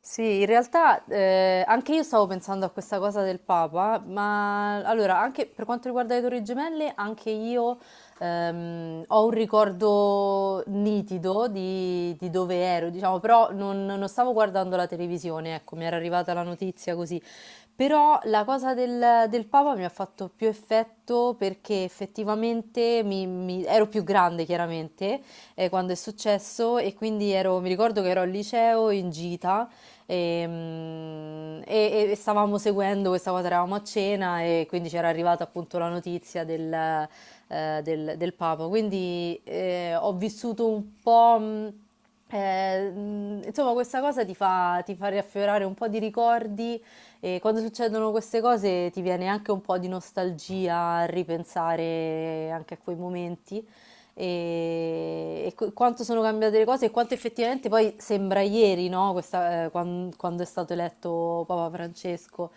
Sì, in realtà anche io stavo pensando a questa cosa del Papa, ma allora, anche per quanto riguarda le Torri Gemelle, anche io ho un ricordo nitido di dove ero, diciamo, però non stavo guardando la televisione, ecco, mi era arrivata la notizia così. Però la cosa del Papa mi ha fatto più effetto perché effettivamente ero più grande, chiaramente, quando è successo e quindi ero, mi ricordo che ero al liceo in gita e, e stavamo seguendo questa cosa, eravamo a cena e quindi c'era arrivata appunto la notizia del, del Papa. Quindi ho vissuto un po', insomma, questa cosa ti fa riaffiorare un po' di ricordi e quando succedono queste cose ti viene anche un po' di nostalgia a ripensare anche a quei momenti e, quanto sono cambiate le cose e quanto effettivamente poi sembra ieri, no? Questa, quando è stato eletto Papa Francesco,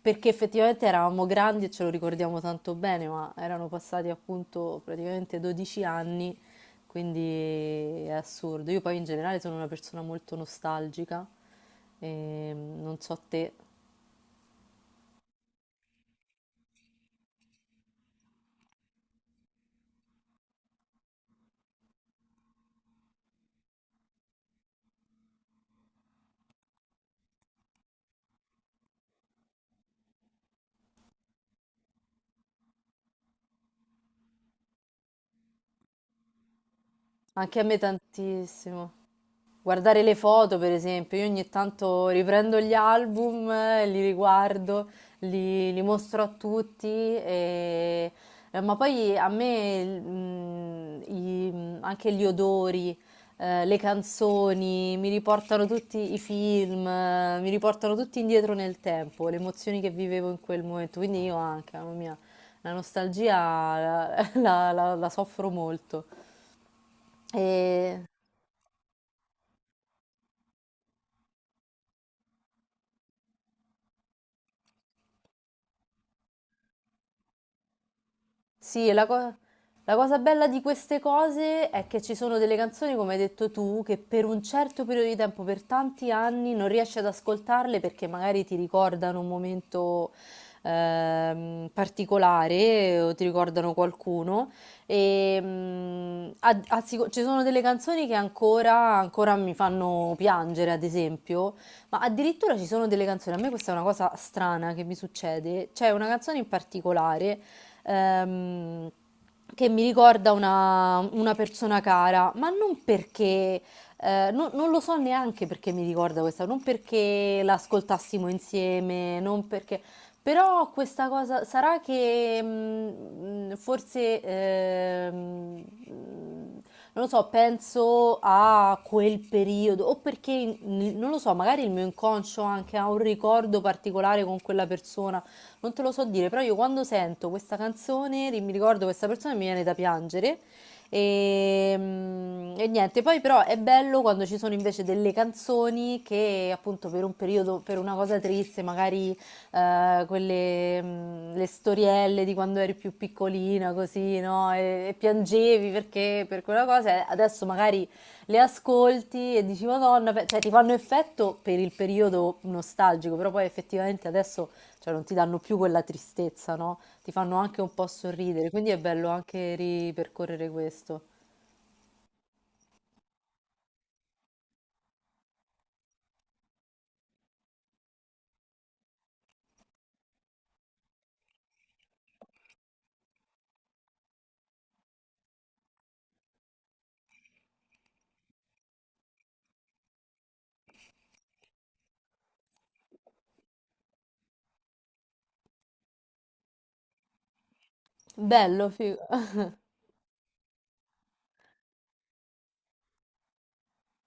perché effettivamente eravamo grandi e ce lo ricordiamo tanto bene, ma erano passati appunto praticamente 12 anni, quindi è assurdo. Io poi in generale sono una persona molto nostalgica, e non so te, anche a me tantissimo. Guardare le foto, per esempio, io ogni tanto riprendo gli album, li riguardo, li mostro a tutti, ma poi a me anche gli odori, le canzoni, mi riportano tutti i film, mi riportano tutti indietro nel tempo, le emozioni che vivevo in quel momento, quindi io anche, mamma mia, la nostalgia la la soffro molto. E... Sì, la cosa bella di queste cose è che ci sono delle canzoni, come hai detto tu, che per un certo periodo di tempo, per tanti anni, non riesci ad ascoltarle perché magari ti ricordano un momento particolare o ti ricordano qualcuno. E, ci sono delle canzoni che ancora mi fanno piangere, ad esempio. Ma addirittura ci sono delle canzoni, a me questa è una cosa strana che mi succede, c'è una canzone in particolare ehm, che mi ricorda una persona cara, ma non perché, non lo so neanche perché mi ricorda questa, non perché l'ascoltassimo insieme, non perché, però questa cosa sarà che forse, mm, non lo so, penso a quel periodo, o perché, non lo so, magari il mio inconscio anche ha un ricordo particolare con quella persona, non te lo so dire, però io quando sento questa canzone mi ricordo questa persona e mi viene da piangere. E, e niente, poi però è bello quando ci sono invece delle canzoni che appunto per un periodo, per una cosa triste, magari quelle, le storielle di quando eri più piccolina, così, no? E piangevi perché per quella cosa, adesso magari le ascolti e dici Madonna, cioè ti fanno effetto per il periodo nostalgico, però poi effettivamente adesso, cioè non ti danno più quella tristezza, no? Ti fanno anche un po' sorridere, quindi è bello anche ripercorrere questo. Bello, figo.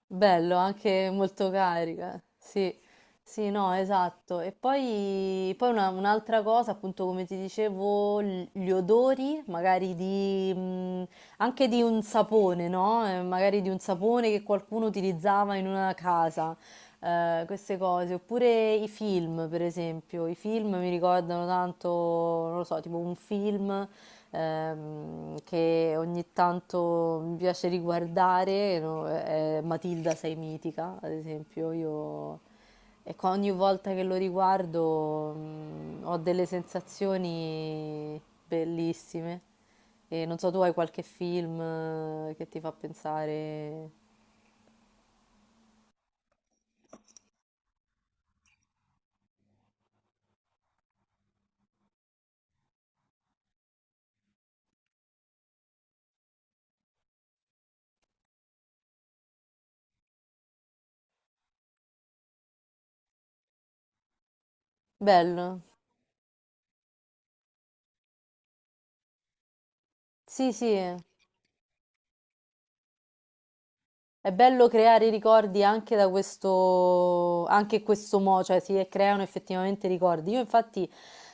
Bello, anche molto carica. Sì, sì, no, esatto. E poi, poi un'altra cosa, appunto, come ti dicevo, gli odori, magari di, anche di un sapone, no? Magari di un sapone che qualcuno utilizzava in una casa. Queste cose, oppure i film, per esempio, i film mi ricordano tanto, non lo so, tipo un film che ogni tanto mi piace riguardare, no? È Matilda sei mitica, ad esempio, io, e qua ogni volta che lo riguardo ho delle sensazioni bellissime. E non so, tu hai qualche film che ti fa pensare, bello? Sì, sì. È bello creare ricordi anche da questo, anche in questo modo, cioè si creano effettivamente ricordi. Io infatti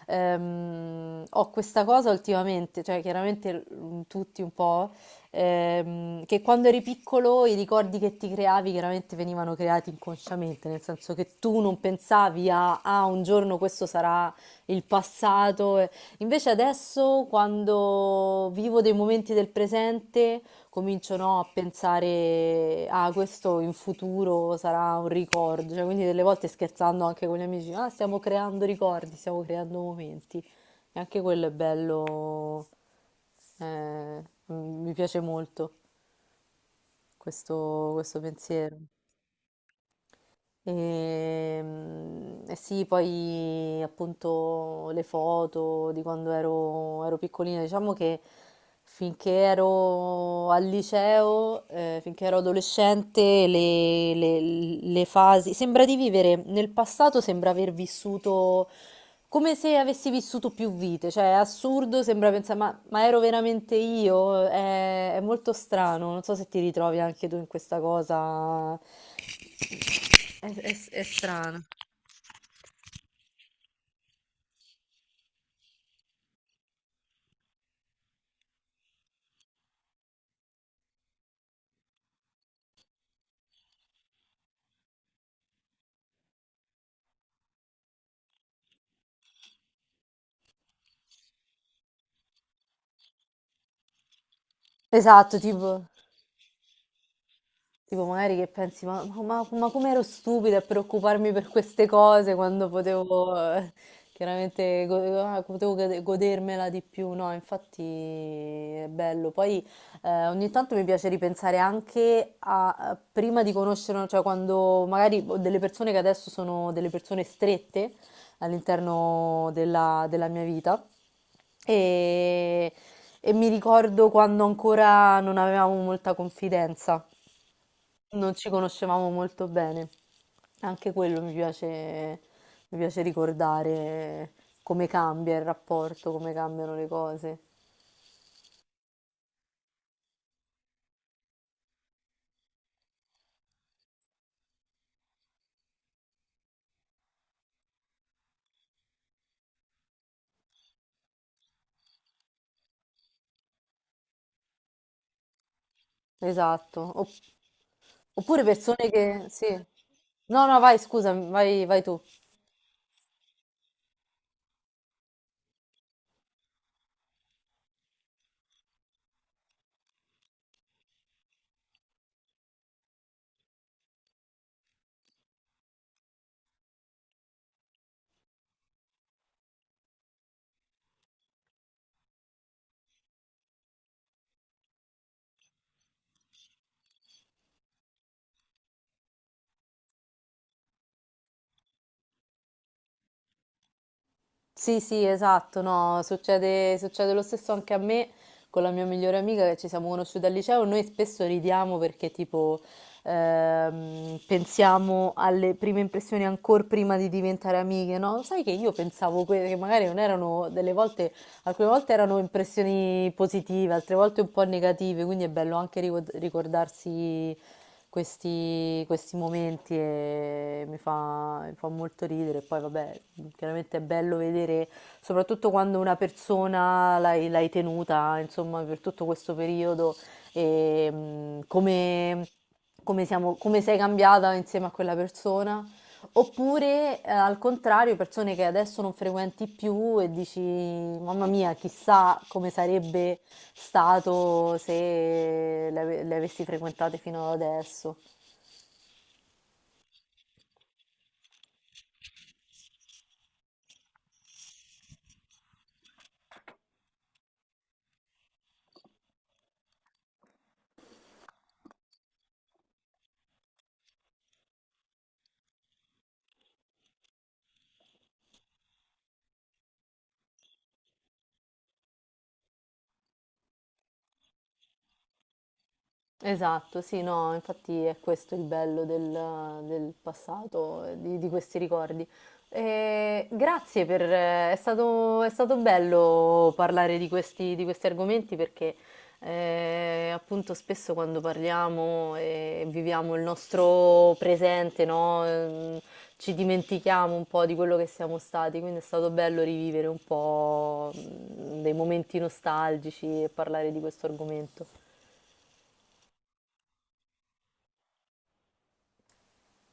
ho questa cosa ultimamente, cioè chiaramente tutti un po', che quando eri piccolo i ricordi che ti creavi chiaramente venivano creati inconsciamente, nel senso che tu non pensavi a, ah, un giorno questo sarà il passato. Invece adesso quando vivo dei momenti del presente cominciano a pensare, ah, questo in futuro sarà un ricordo, cioè, quindi delle volte scherzando anche con gli amici, ah, stiamo creando ricordi, stiamo creando momenti, e anche quello è bello, eh, m- mi piace molto questo pensiero. Ehm, E, sì, poi appunto le foto di quando ero piccolina, diciamo che finché ero al liceo, finché ero adolescente, le, le fasi, sembra di vivere nel passato, sembra aver vissuto come se avessi vissuto più vite, cioè è assurdo, sembra pensare, ma ero veramente io? È, molto strano, non so se ti ritrovi anche tu in questa cosa, è, è strano. Esatto, tipo. Tipo, magari che pensi, ma come ero stupida a preoccuparmi per queste cose quando potevo, chiaramente, potevo godermela di più, no? Infatti è bello. Poi ogni tanto mi piace ripensare anche a, a prima di conoscere, cioè quando magari ho delle persone che adesso sono delle persone strette all'interno della mia vita. E, e mi ricordo quando ancora non avevamo molta confidenza. Non ci conoscevamo molto bene. Anche quello mi piace ricordare come cambia il rapporto, come cambiano le cose. Esatto. Oppure persone che... Sì. No, no, vai, scusa, vai tu. Sì, sì, esatto, no, succede, succede lo stesso anche a me con la mia migliore amica che ci siamo conosciute al liceo. Noi spesso ridiamo perché tipo pensiamo alle prime impressioni ancora prima di diventare amiche, no? Sai che io pensavo che magari non erano delle volte, alcune volte erano impressioni positive, altre volte un po' negative, quindi è bello anche ricordarsi questi momenti e mi fa molto ridere. Poi, vabbè, chiaramente è bello vedere, soprattutto quando una persona l'hai, l'hai tenuta, insomma, per tutto questo periodo e come, come sei cambiata insieme a quella persona. Oppure, al contrario, persone che adesso non frequenti più e dici, mamma mia, chissà come sarebbe stato se le avessi frequentate fino ad adesso. Esatto, sì, no, infatti è questo il bello del, del passato, di questi ricordi. Grazie per, è stato bello parlare di questi argomenti perché appunto spesso quando parliamo e viviamo il nostro presente, no, ci dimentichiamo un po' di quello che siamo stati, quindi è stato bello rivivere un po' dei momenti nostalgici e parlare di questo argomento.